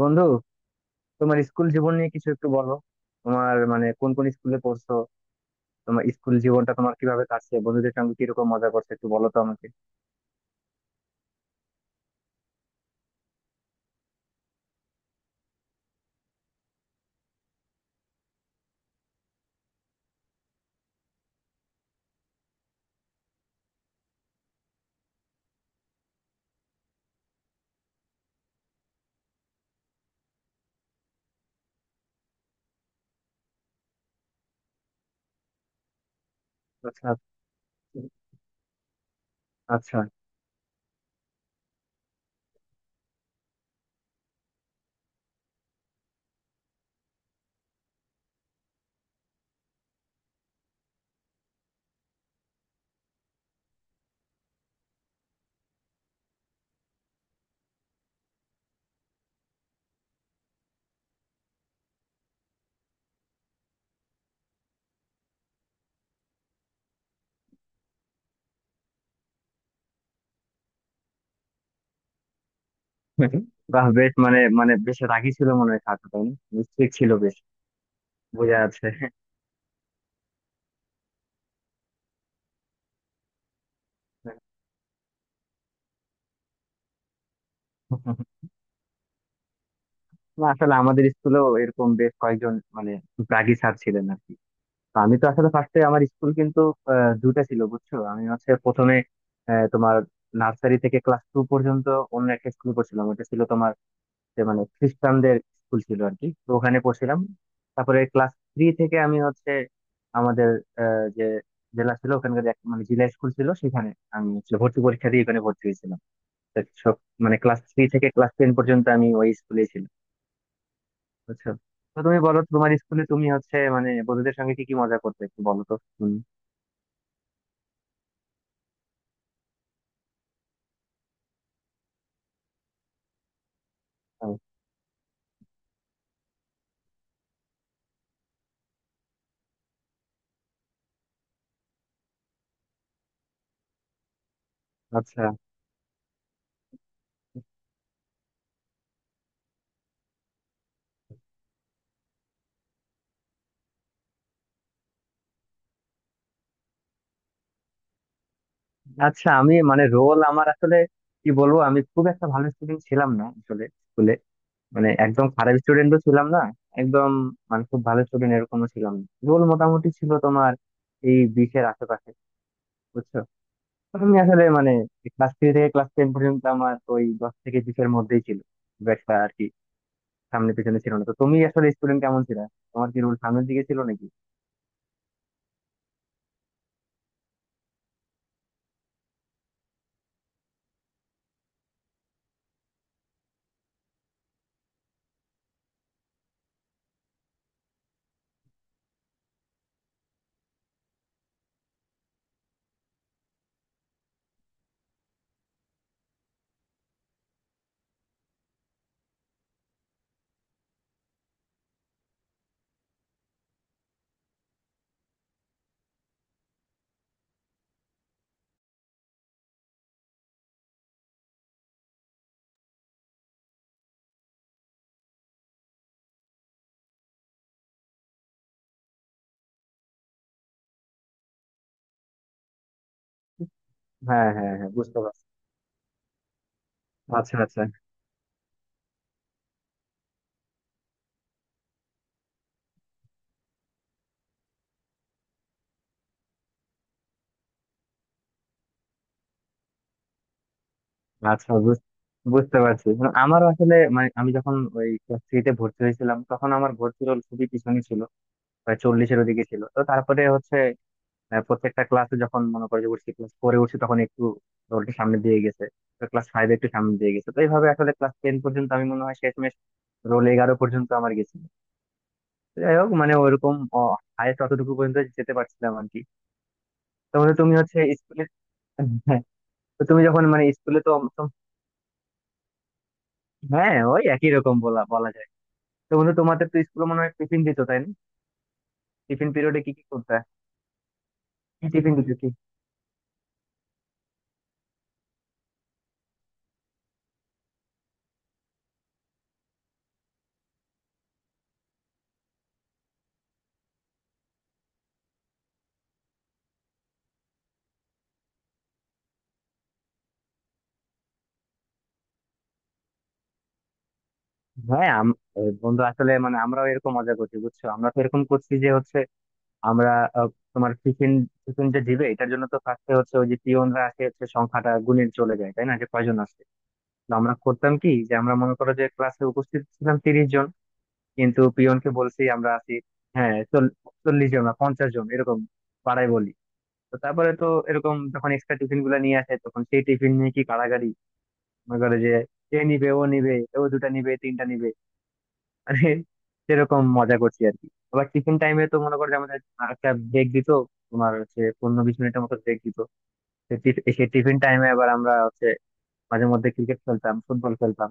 বন্ধু, তোমার স্কুল জীবন নিয়ে কিছু একটু বলো। তোমার কোন কোন স্কুলে পড়ছো? তোমার স্কুল জীবনটা তোমার কিভাবে কাটছে, বন্ধুদের সঙ্গে কিরকম মজা করছো একটু বলো তো আমাকে। আচ্ছা, আচ্ছা। বাহ, বেশ। মানে মানে বেশ রাগী ছিল মনে হয় কাকা, তাই না? স্ট্রিক্ট ছিল বেশ। বোঝা যাচ্ছে। না, আসলে আমাদের স্কুলেও এরকম বেশ কয়েকজন রাগী স্যার ছিলেন আর কি। আমি তো আসলে ফার্স্টে আমার স্কুল কিন্তু দুইটা ছিল, বুঝছো। আমি হচ্ছে প্রথমে তোমার নার্সারি থেকে ক্লাস টু পর্যন্ত অন্য একটা স্কুলে পড়ছিলাম। ওটা ছিল তোমার, যে মানে খ্রিস্টানদের স্কুল ছিল আর কি, তো ওখানে পড়ছিলাম। তারপরে ক্লাস থ্রি থেকে আমি হচ্ছে আমাদের যে জেলা ছিল ওখানকার, এক মানে জেলা স্কুল ছিল সেখানে আমি হচ্ছে ভর্তি পরীক্ষা দিয়ে ওখানে ভর্তি হয়েছিলাম। তো সব মানে ক্লাস থ্রি থেকে ক্লাস টেন পর্যন্ত আমি ওই স্কুলে ছিলাম, বুঝছো। তো তুমি বলো, তোমার স্কুলে তুমি হচ্ছে মানে বন্ধুদের সঙ্গে কি কি মজা করতে একটু বলো তো শুনি। আচ্ছা, আচ্ছা। আমি মানে রোল আমার আসলে কি বলবো, আমি খুব একটা ভালো স্টুডেন্ট ছিলাম না আসলে স্কুলে। মানে একদম খারাপ স্টুডেন্টও ছিলাম না, একদম মানে খুব ভালো স্টুডেন্ট এরকমও ছিলাম না। রোল মোটামুটি ছিল তোমার এই 20-এর আশেপাশে, বুঝছো। তো আমি আসলে মানে ক্লাস থ্রি থেকে ক্লাস টেন পর্যন্ত আমার ওই 10 থেকে 20-এর মধ্যেই ছিল, খুব একটা আর কি সামনে পিছনে ছিল না। তো তুমি আসলে স্টুডেন্ট কেমন ছিল, তোমার কি রোল সামনের দিকে ছিল নাকি? হ্যাঁ, হ্যাঁ, হ্যাঁ, বুঝতে পারছি। আচ্ছা, আচ্ছা। আচ্ছা, বুঝতে পারছি। মানে আমারও আসলে, মানে আমি যখন ওই ক্লাস থ্রিতে ভর্তি হয়েছিলাম তখন আমার ভর্তি রোল খুবই পিছনে ছিল, প্রায় 40-এর ওদিকে ছিল। তো তারপরে হচ্ছে প্রত্যেকটা ক্লাসে যখন মনে করে যে উঠছি, ক্লাস ফোরে উঠছি, তখন একটু রোলটা সামনে দিয়ে গেছে। ক্লাস ফাইভে একটু সামনে দিয়ে গেছে। তো এইভাবে আসলে ক্লাস টেন পর্যন্ত আমি মনে হয় শেষমেশ রোল 11 পর্যন্ত আমার গেছিল। তো যাই হোক, মানে ওইরকম হায়েস্ট অতটুকু পর্যন্ত যেতে পারছিলাম আর কি। তো বললো, তুমি হচ্ছে স্কুলে। তো তুমি যখন মানে স্কুলে তো, তো- হ্যাঁ ওই একই রকম বলা বলা যায়। তো বন্ধু, তোমাদের তো স্কুলে মনে হয় টিফিন দিত, তাই না? টিফিন পিরিয়ডে কি কি করতে? কি টিফিন দিত কি? হ্যাঁ, বন্ধু আসলে মানে আমরাও এরকম মজা করছি, বুঝছো। আমরা তো এরকম করছি যে হচ্ছে, আমরা আহ, তোমার টিফিন টিফিন যে দিবে, এটার জন্য তো ফার্স্টে হচ্ছে ওই যে পিয়নরা আসে হচ্ছে সংখ্যাটা গুণে চলে যায়, তাই না, যে কয়জন আসে। তো আমরা করতাম কি, যে আমরা মনে করো যে ক্লাসে উপস্থিত ছিলাম 30 জন কিন্তু পিয়নকে বলছি আমরা আছি, হ্যাঁ চল- 40 জন না 50 জন এরকম পাড়ায় বলি। তো তারপরে তো এরকম যখন এক্সট্রা টিফিন গুলা নিয়ে আসে, তখন সেই টিফিন নিয়ে কি কাড়াকাড়ি! মনে করে যে এ নিবে, ও নিবে, ও দুটা নিবে তিনটা নিবে। মানে সেরকম মজা করছি আর কি। আবার টিফিন টাইমে তো মনে করো যে আমাদের একটা ব্রেক দিত, তোমার হচ্ছে 15-20 মিনিটের মতো ব্রেক দিত। সেই টিফিন টাইমে আবার আমরা হচ্ছে মাঝে মধ্যে ক্রিকেট খেলতাম, ফুটবল খেলতাম।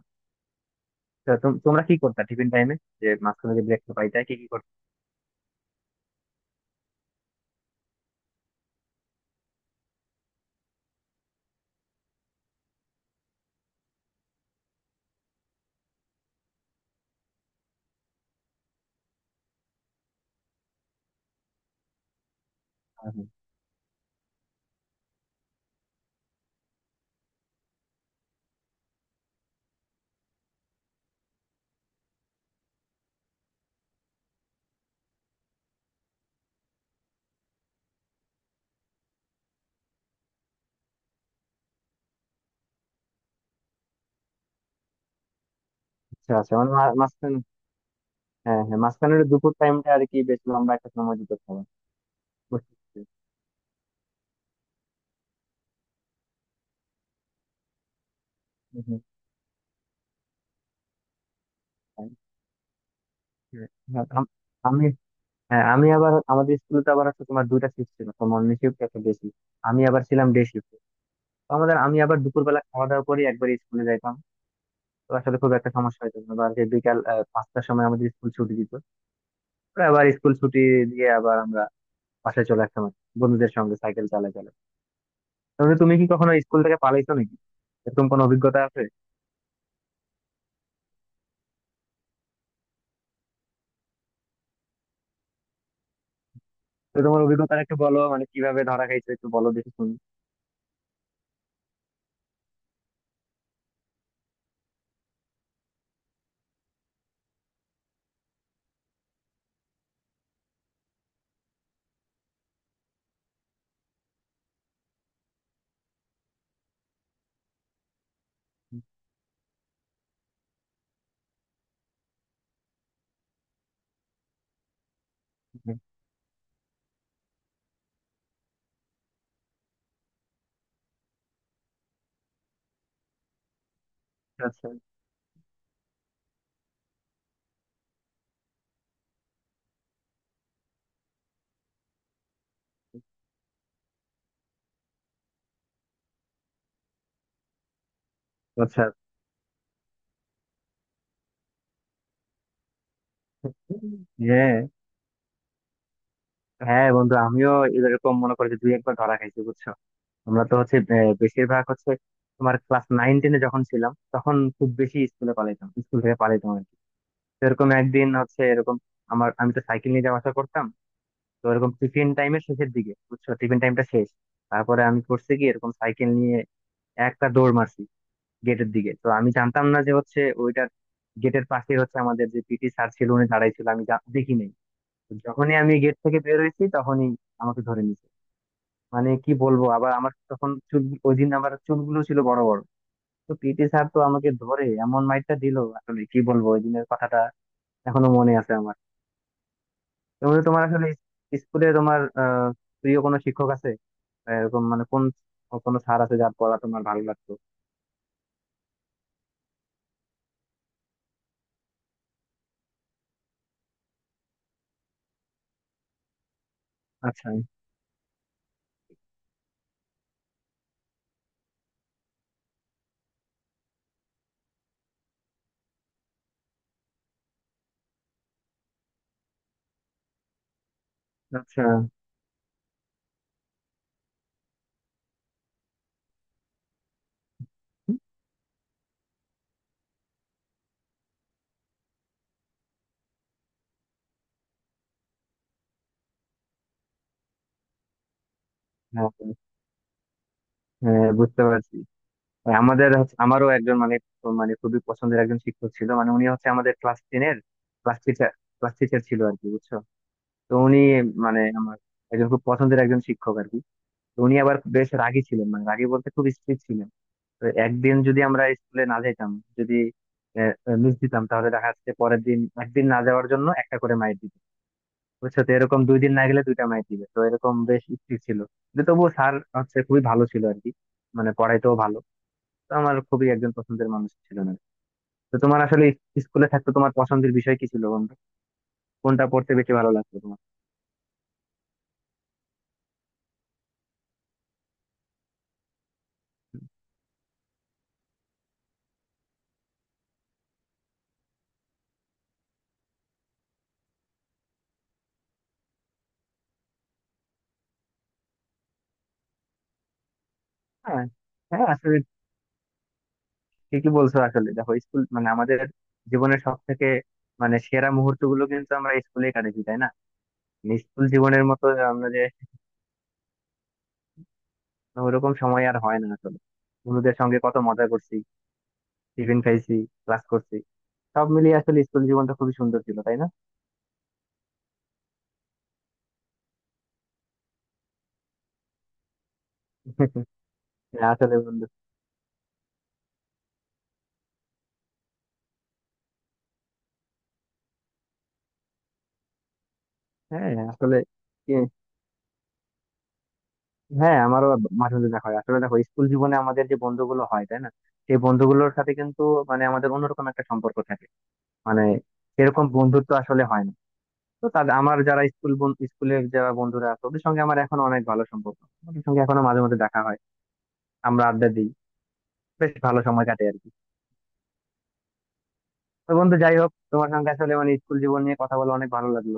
তো তোমরা কি করতা টিফিন টাইমে, যে মাঝখানে যে ব্রেক পাইতা কি কি করতে? আচ্ছা, আচ্ছা। মানে মাঝখানে, হ্যাঁ, হ্যাঁ, মাঝখানের দুপুর টাইমটা আর কি বেশ লম্বা একটা সময় দিতে হবে। বুঝতে পেরেছি। হুম, হুম। হ্যাঁ। আমি, হ্যাঁ, আমি আবার আমাদের স্কুলে তো আবার হচ্ছে তোমার দুইটা শিফট ছিল, একটা মর্নিং শিফট, একটা ডে শিফট। আমি আবার ছিলাম ডে শিফট। তো আমাদের আমি আবার দুপুরবেলা খাওয়া দাওয়া করে একবার স্কুলে যাইতাম। তো আসলে খুব একটা সমস্যা হতো না। বা যে বিকাল 5টার সময় আমাদের স্কুল ছুটি দিত। পরে আবার স্কুল ছুটি দিয়ে আবার আমরা বাসায় চলে আসতাম আর কি, বন্ধুদের সঙ্গে সাইকেল চালায় চালায়। তাহলে তুমি কি কখনো স্কুল থেকে পালাইছো নাকি, এরকম কোনো অভিজ্ঞতা আছে? তো তোমার অভিজ্ঞতা একটু বলো, মানে কিভাবে ধরা খাইছো একটু বলো দেখি শুনি। আচ্ছা, আচ্ছা। হ্যাঁ, হ্যাঁ, বন্ধু, আমিও এরকম মনে করি যে দুই একবার ধরা খাইছি, বুঝছো। আমরা তো হচ্ছে বেশিরভাগ হচ্ছে তোমার ক্লাস নাইন টেনে যখন ছিলাম তখন খুব বেশি স্কুলে পালাইতাম, স্কুল থেকে পালাইতাম আর কি। তো এরকম একদিন হচ্ছে, এরকম আমার, আমি তো সাইকেল নিয়ে যাওয়া আসা করতাম। তো এরকম টিফিন টাইমের শেষের দিকে, বুঝছো টিফিন টাইমটা শেষ, তারপরে আমি করছি কি এরকম সাইকেল নিয়ে একটা দৌড় মারছি গেটের দিকে। তো আমি জানতাম না যে হচ্ছে ওইটার গেটের পাশে হচ্ছে আমাদের যে পিটি স্যার ছিল উনি দাঁড়াই ছিল, আমি দেখি নাই। তো যখনই আমি গেট থেকে বের হয়েছি তখনই আমাকে ধরে নিয়েছে। মানে কি বলবো, আবার আমার তখন চুল, ওই দিন আমার চুলগুলো ছিল বড় বড়। তো পিটি স্যার তো আমাকে ধরে এমন মাইরটা দিল, আসলে কি বলবো ওই দিনের কথাটা, এখনো মনে আছে আমার। তোমার তোমার আসলে স্কুলে তোমার প্রিয় কোনো শিক্ষক আছে? এরকম মানে কোনো স্যার আছে যার পড়া তোমার ভালো লাগতো? আচ্ছা, আচ্ছা। হ্যাঁ হ্যাঁ, হ্যাঁ, বুঝতে পারছি। আমারও একজন মানে, মানে খুবই পছন্দের একজন শিক্ষক ছিল। মানে উনি হচ্ছে আমাদের ক্লাস টেনের ক্লাস টিচার ক্লাস টিচার ছিল আর কি, বুঝছো। তো উনি মানে আমার একজন খুব পছন্দের একজন শিক্ষক আর কি। তো উনি আবার বেশ রাগী ছিলেন, মানে রাগী বলতে খুব স্ট্রিক্ট ছিলেন। তো একদিন যদি আমরা স্কুলে না যেতাম, যদি মিস দিতাম, তাহলে দেখা যাচ্ছে পরের দিন একদিন না যাওয়ার জন্য একটা করে মাইর দিত, বুঝছো। তো এরকম দুই দিন না গেলে দুইটা মাইর দিবে। তো এরকম বেশ স্ট্রিক্ট ছিল, কিন্তু তবুও স্যার হচ্ছে খুবই ভালো ছিল আর কি, মানে পড়াইতেও ভালো। তো আমার খুবই একজন পছন্দের মানুষ ছিল না। তো তোমার আসলে স্কুলে থাকতে তোমার পছন্দের বিষয় কি ছিল বন্ধু? কোনটা পড়তে বেশি ভালো লাগতো তোমার? হ্যাঁ হ্যাঁ আসলে ঠিকই বলছো। আসলে দেখো, স্কুল মানে আমাদের জীবনের সব থেকে মানে সেরা মুহূর্ত গুলো কিন্তু আমরা স্কুলে কাটাচ্ছি, তাই না? মানে স্কুল জীবনের মতো আমরা যে ওরকম সময় আর হয় না আসলে। বন্ধুদের সঙ্গে কত মজা করছি, টিফিন খাইছি, ক্লাস করছি, সব মিলিয়ে আসলে স্কুল জীবনটা খুবই সুন্দর ছিল, তাই না? হ্যাঁ, আসলে বন্ধু, হ্যাঁ আসলে কি- হ্যাঁ আমারও মাঝে মাঝে দেখা হয়। আসলে দেখো, স্কুল জীবনে আমাদের যে বন্ধুগুলো হয়, তাই না, সেই বন্ধুগুলোর সাথে কিন্তু মানে আমাদের অন্যরকম একটা সম্পর্ক থাকে। মানে এরকম বন্ধুত্ব আসলে হয় না। তো তাদের আমার যারা স্কুলের যারা বন্ধুরা আছে ওদের সঙ্গে আমার এখন অনেক ভালো সম্পর্ক। ওদের সঙ্গে এখনো মাঝে মধ্যে দেখা হয়, আমরা আড্ডা দিই, বেশ ভালো সময় কাটে আর কি। তো বন্ধু, যাই হোক, তোমার সঙ্গে আসলে মানে স্কুল জীবন নিয়ে কথা বলে অনেক ভালো লাগলো।